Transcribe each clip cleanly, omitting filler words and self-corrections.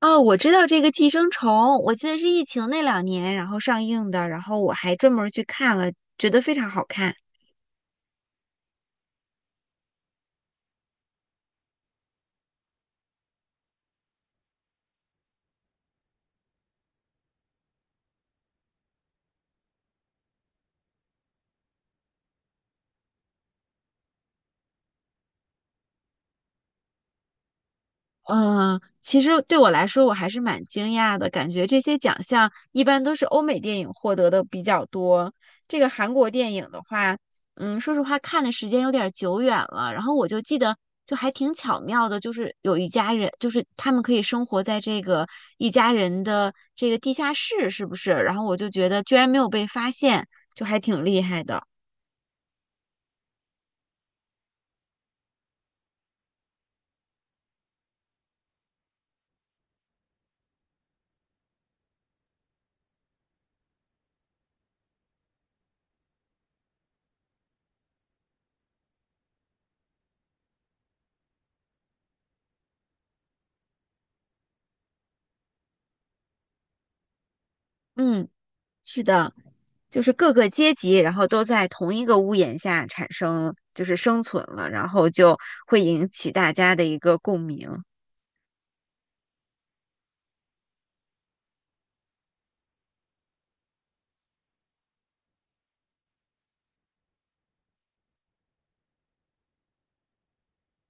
哦，我知道这个《寄生虫》，我记得是疫情那两年然后上映的，然后我还专门儿去看了，觉得非常好看。嗯，其实对我来说，我还是蛮惊讶的，感觉这些奖项一般都是欧美电影获得的比较多。这个韩国电影的话，嗯，说实话看的时间有点儿久远了，然后我就记得就还挺巧妙的，就是有一家人，就是他们可以生活在这个一家人的这个地下室，是不是？然后我就觉得居然没有被发现，就还挺厉害的。嗯。是的，就是各个阶级，然后都在同一个屋檐下产生，就是生存了，然后就会引起大家的一个共鸣。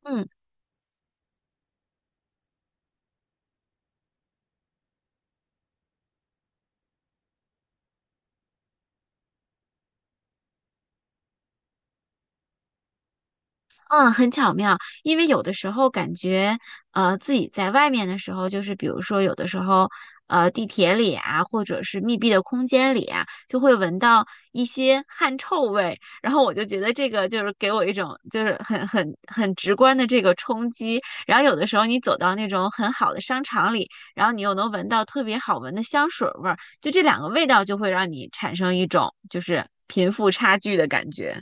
嗯。嗯，很巧妙，因为有的时候感觉，自己在外面的时候，就是比如说有的时候，地铁里啊，或者是密闭的空间里啊，就会闻到一些汗臭味，然后我就觉得这个就是给我一种就是很直观的这个冲击。然后有的时候你走到那种很好的商场里，然后你又能闻到特别好闻的香水味儿，就这两个味道就会让你产生一种就是贫富差距的感觉。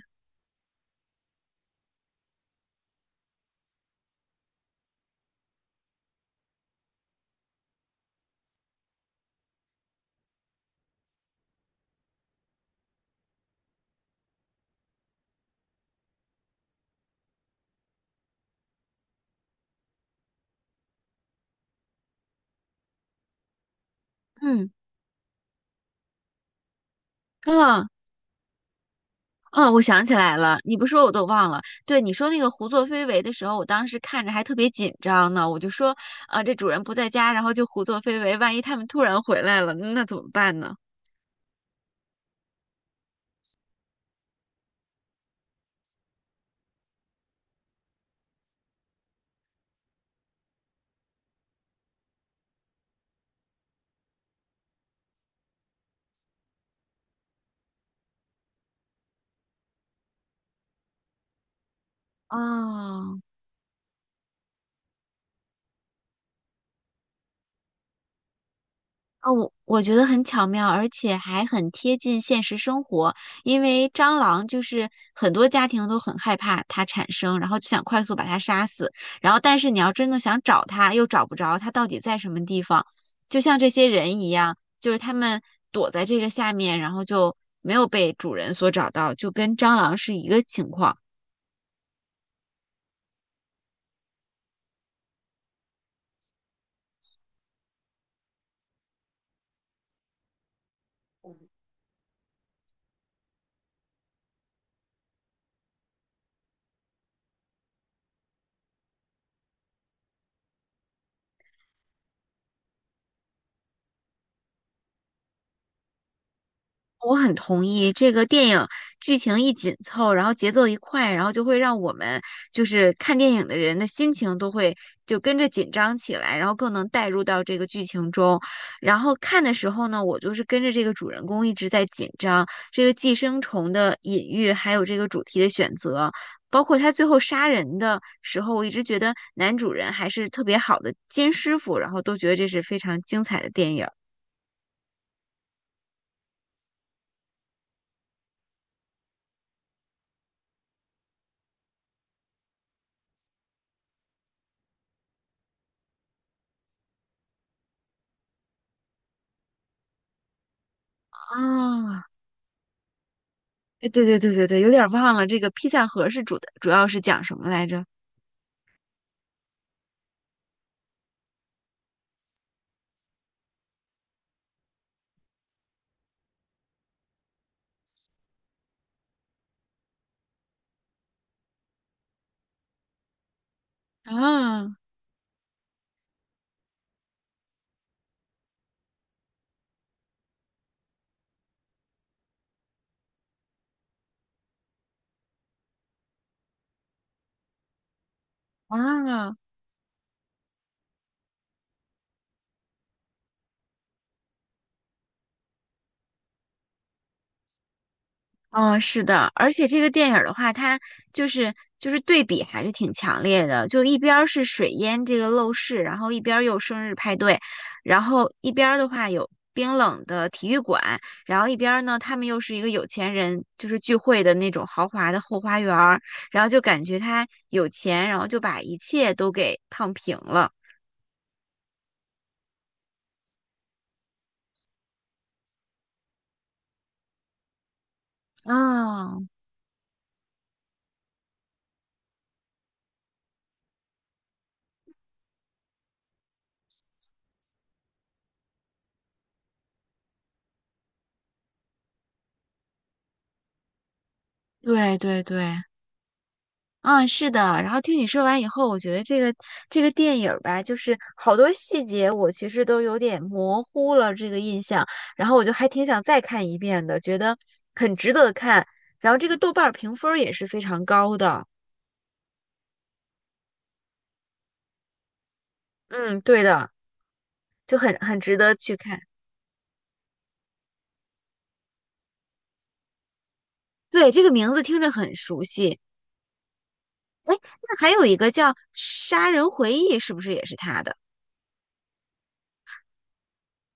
嗯，嗯，哦，我想起来了，你不说我都忘了。对，你说那个胡作非为的时候，我当时看着还特别紧张呢。我就说，啊、这主人不在家，然后就胡作非为，万一他们突然回来了，那怎么办呢？啊、哦，我觉得很巧妙，而且还很贴近现实生活。因为蟑螂就是很多家庭都很害怕它产生，然后就想快速把它杀死。然后，但是你要真的想找它，又找不着它到底在什么地方，就像这些人一样，就是他们躲在这个下面，然后就没有被主人所找到，就跟蟑螂是一个情况。我很同意，这个电影剧情一紧凑，然后节奏一快，然后就会让我们就是看电影的人的心情都会就跟着紧张起来，然后更能带入到这个剧情中。然后看的时候呢，我就是跟着这个主人公一直在紧张，这个寄生虫的隐喻，还有这个主题的选择，包括他最后杀人的时候，我一直觉得男主人还是特别好的金师傅，然后都觉得这是非常精彩的电影啊。哎，对对对对对，有点儿忘了这个披萨盒是主的，主要是讲什么来着？啊。啊。哦，是的，而且这个电影儿的话，它就是对比还是挺强烈的，就一边儿是水淹这个陋室，然后一边儿又生日派对，然后一边儿的话有冰冷的体育馆，然后一边儿呢他们又是一个有钱人就是聚会的那种豪华的后花园儿，然后就感觉他有钱，然后就把一切都给烫平了。啊。对对对，嗯，是的。然后听你说完以后，我觉得这个电影儿吧，就是好多细节我其实都有点模糊了这个印象，然后我就还挺想再看一遍的，觉得很值得看。然后这个豆瓣儿评分儿也是非常高的，嗯，对的，就很值得去看。对，这个名字听着很熟悉。那还有一个叫《杀人回忆》，是不是也是他的？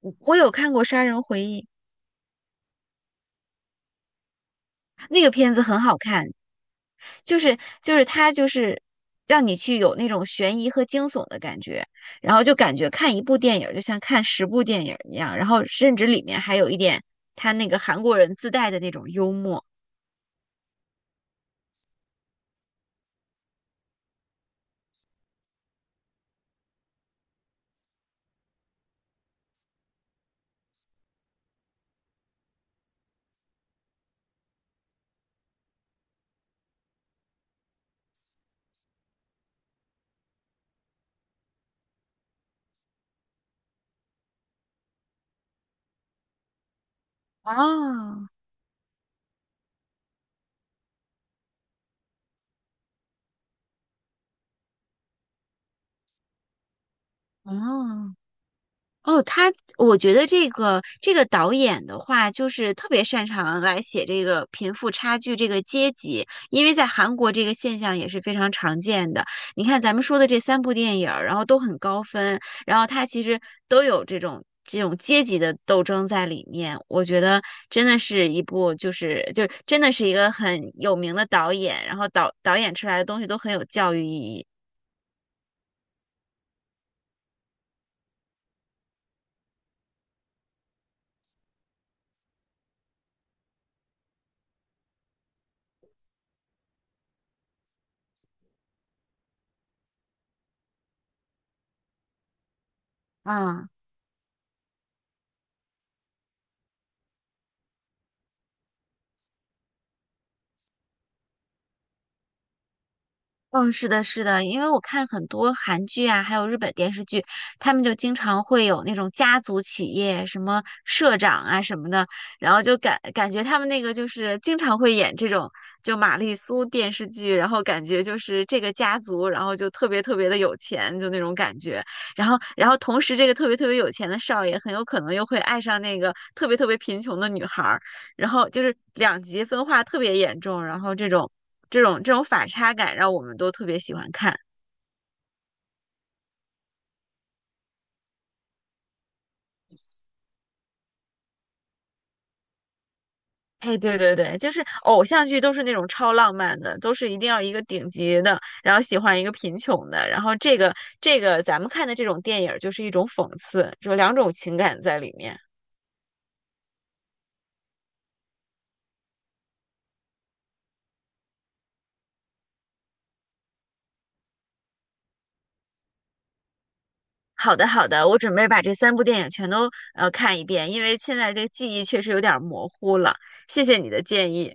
我有看过《杀人回忆》，那个片子很好看。就是它就是让你去有那种悬疑和惊悚的感觉，然后就感觉看一部电影就像看十部电影一样，然后甚至里面还有一点他那个韩国人自带的那种幽默。啊。啊！哦，他，我觉得这个导演的话，就是特别擅长来写这个贫富差距、这个阶级，因为在韩国这个现象也是非常常见的。你看咱们说的这三部电影儿，然后都很高分，然后他其实都有这种阶级的斗争在里面。我觉得真的是一部就是就真的是一个很有名的导演，然后导演出来的东西都很有教育意义。啊。嗯，是的，是的，因为我看很多韩剧啊，还有日本电视剧，他们就经常会有那种家族企业，什么社长啊什么的，然后就感觉他们那个就是经常会演这种就玛丽苏电视剧，然后感觉就是这个家族，然后就特别特别的有钱，就那种感觉，然后同时这个特别特别有钱的少爷很有可能又会爱上那个特别特别贫穷的女孩儿。然后就是两极分化特别严重，然后这种反差感让我们都特别喜欢看。哎，对对对，就是偶像剧都是那种超浪漫的，都是一定要一个顶级的，然后喜欢一个贫穷的，然后这个咱们看的这种电影就是一种讽刺，就两种情感在里面。好的，好的，我准备把这三部电影全都看一遍，因为现在这个记忆确实有点模糊了。谢谢你的建议。